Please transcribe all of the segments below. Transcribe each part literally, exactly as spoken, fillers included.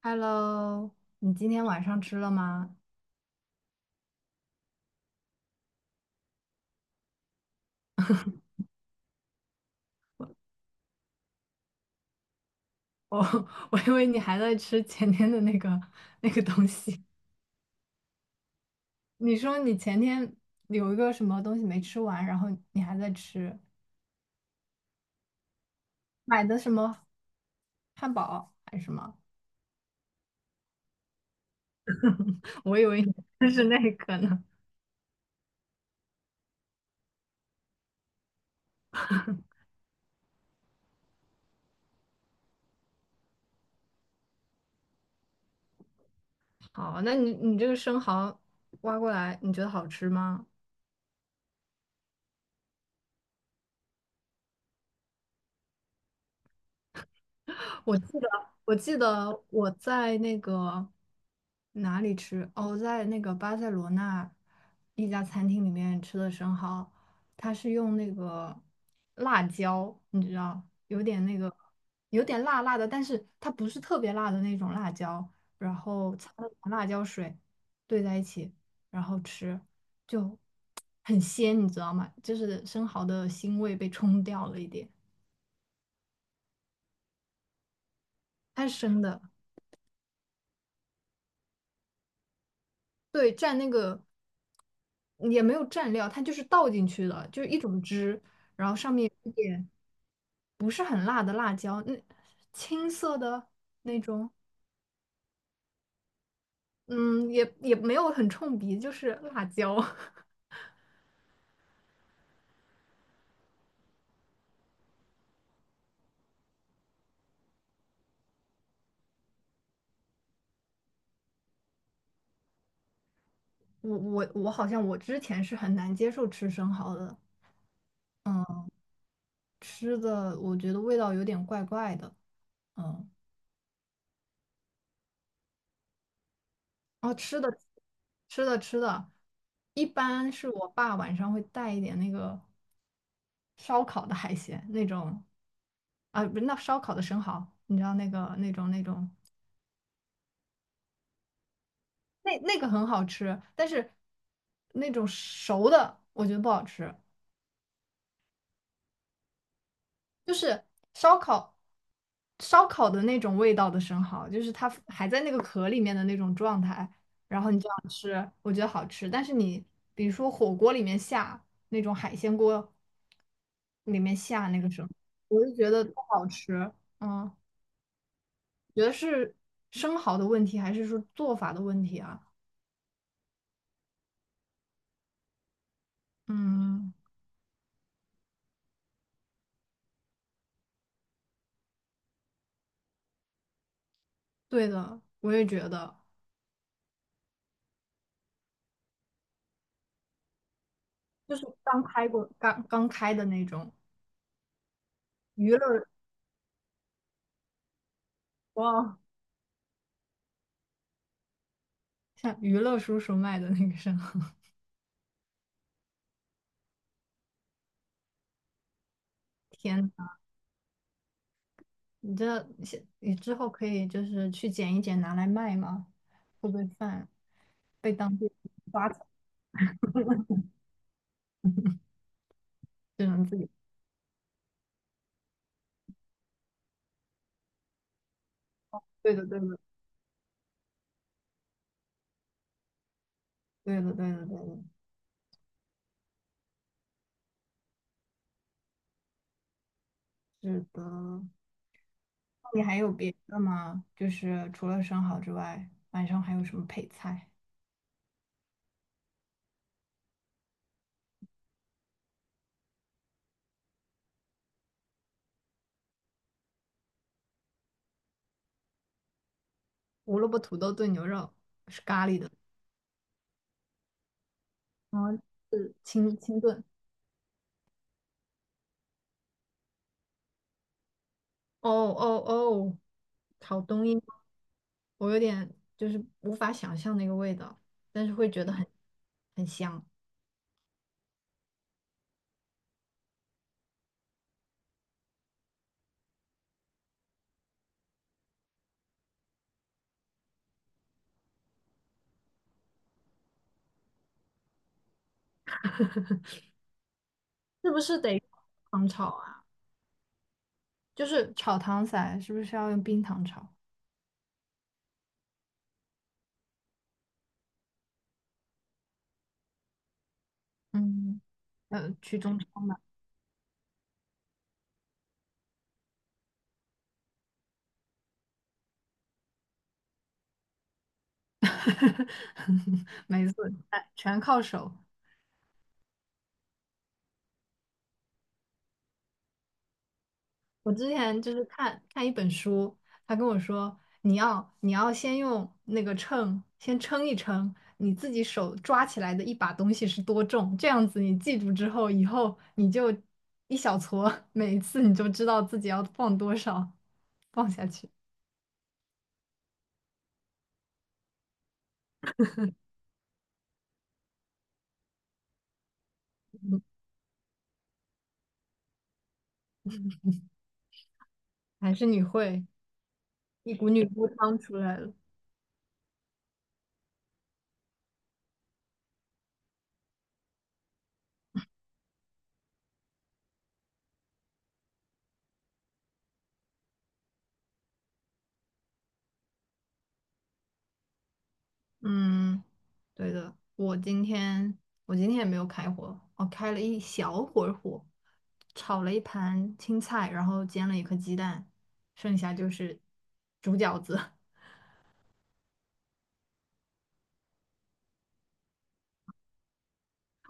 Hello,你今天晚上吃了吗？我 我以为你还在吃前天的那个那个东西。你说你前天有一个什么东西没吃完，然后你还在吃，买的什么汉堡还是什么？我以为你吃是那个呢。好，那你你这个生蚝挖过来，你觉得好吃吗？我记得，我记得我在那个哪里吃？哦，在那个巴塞罗那一家餐厅里面吃的生蚝，它是用那个辣椒，你知道，有点那个，有点辣辣的，但是它不是特别辣的那种辣椒，然后擦了点辣椒水兑在一起，然后吃，就很鲜，你知道吗？就是生蚝的腥味被冲掉了一点，它是生的。对，蘸那个也没有蘸料，它就是倒进去的，就是一种汁，然后上面一点不是很辣的辣椒，那青色的，嗯，也也没有很冲鼻，就是辣椒。我我我好像我之前是很难接受吃生蚝的，嗯，吃的我觉得味道有点怪怪的，嗯，哦，吃的吃的吃的，一般是我爸晚上会带一点那个。烧烤的海鲜那种，啊，不是那烧烤的生蚝，你知道那个那种那种那那个很好吃，但是那种熟的我觉得不好吃，就是烧烤烧烤的那种味道的生蚝，就是它还在那个壳里面的那种状态，然后你这样吃，我觉得好吃，但是你比如说火锅里面下那种海鲜锅里面下那个生蚝，我就觉得不好吃，嗯。觉得是生蚝的问题，还是说做法的问题啊？嗯，对的，我也觉得，就是刚开过、刚刚开的那种娱乐，哇，像娱乐叔叔卖的那个生蚝，天呐，你这你之后可以就是去捡一捡拿来卖吗？会不会犯被当地抓走？只能自己。对的，对的，对的，对的，对的，是的。那你还有别的吗？就是除了生蚝之外，晚上还有什么配菜？胡萝卜土豆炖牛肉是咖喱的，是清清炖。哦哦哦，炒阴阴功？我有点就是无法想象那个味道，但是会觉得很很香。是不是得糖炒啊？就是炒糖色，是不是要用冰糖炒？嗯，呃，去中超买，没事，哎全靠手。我之前就是看看一本书，他跟我说，你要你要先用那个秤先称一称，你自己手抓起来的一把东西是多重，这样子你记住之后，以后你就一小撮，每一次你就知道自己要放多少，放下去。还是你会一股女高汤出来了。嗯，对的，我今天我今天也没有开火，我开了一小会儿火，炒了一盘青菜，然后煎了一颗鸡蛋，剩下就是煮饺子。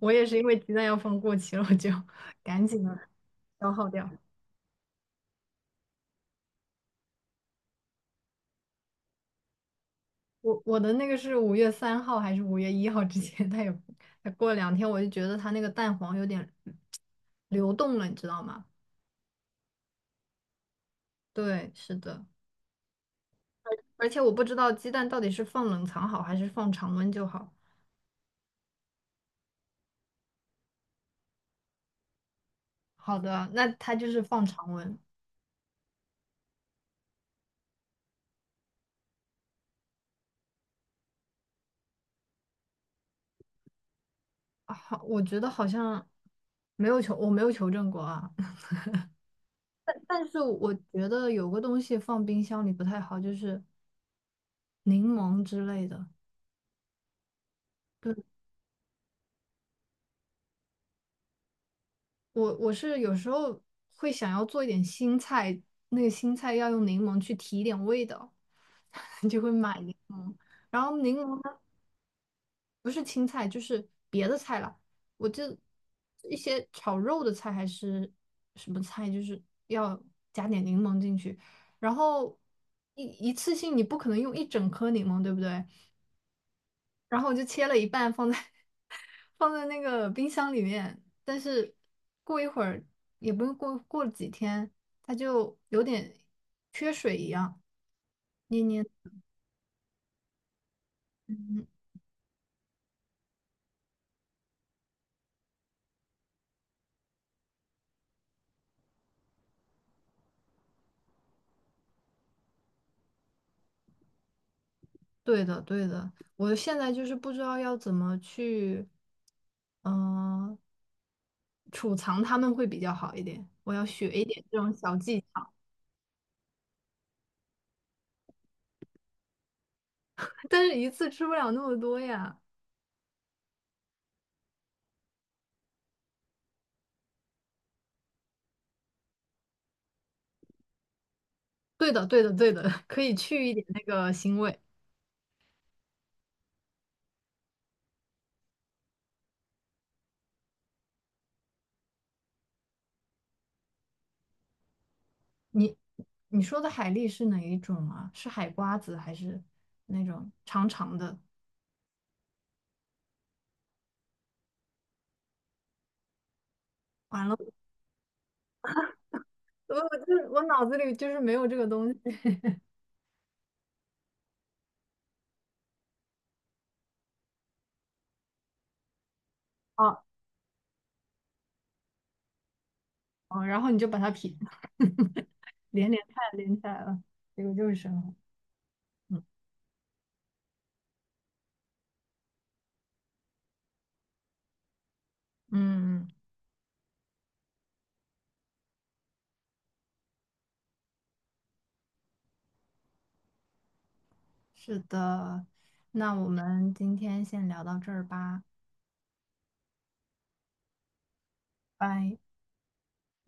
我也是因为鸡蛋要放过期了，我就 赶紧的消耗掉。我我的那个是五月三号还是五月一号之前，它有它过了两天，我就觉得它那个蛋黄有点 流动了，你知道吗？对，是的。而且我不知道鸡蛋到底是放冷藏好还是放常温就好。好的，那它就是放常温。啊好，我觉得好像没有求，我没有求证过啊。但但是我觉得有个东西放冰箱里不太好，就是柠檬之类的。对，我我是有时候会想要做一点新菜，那个新菜要用柠檬去提一点味道，就会买柠檬。然后柠檬呢？不是青菜就是别的菜了。我就一些炒肉的菜还是什么菜，就是要加点柠檬进去。然后一一次性你不可能用一整颗柠檬，对不对？然后我就切了一半放在 放在那个冰箱里面，但是过一会儿也不用过过几天，它就有点缺水一样，黏黏。对的，对的，我现在就是不知道要怎么去，嗯、储藏它们会比较好一点。我要学一点这种小技巧，但是一次吃不了那么多呀。对的，对的，对的，可以去一点那个腥味。你你说的海蛎是哪一种啊？是海瓜子还是那种长长的？完了，我我就是我脑子里就是没有这个东西。啊哦，然后你就把它撇，连连看连起来了，这个就是生蚝。嗯嗯，嗯是的，那我们今天先聊到这儿吧，拜。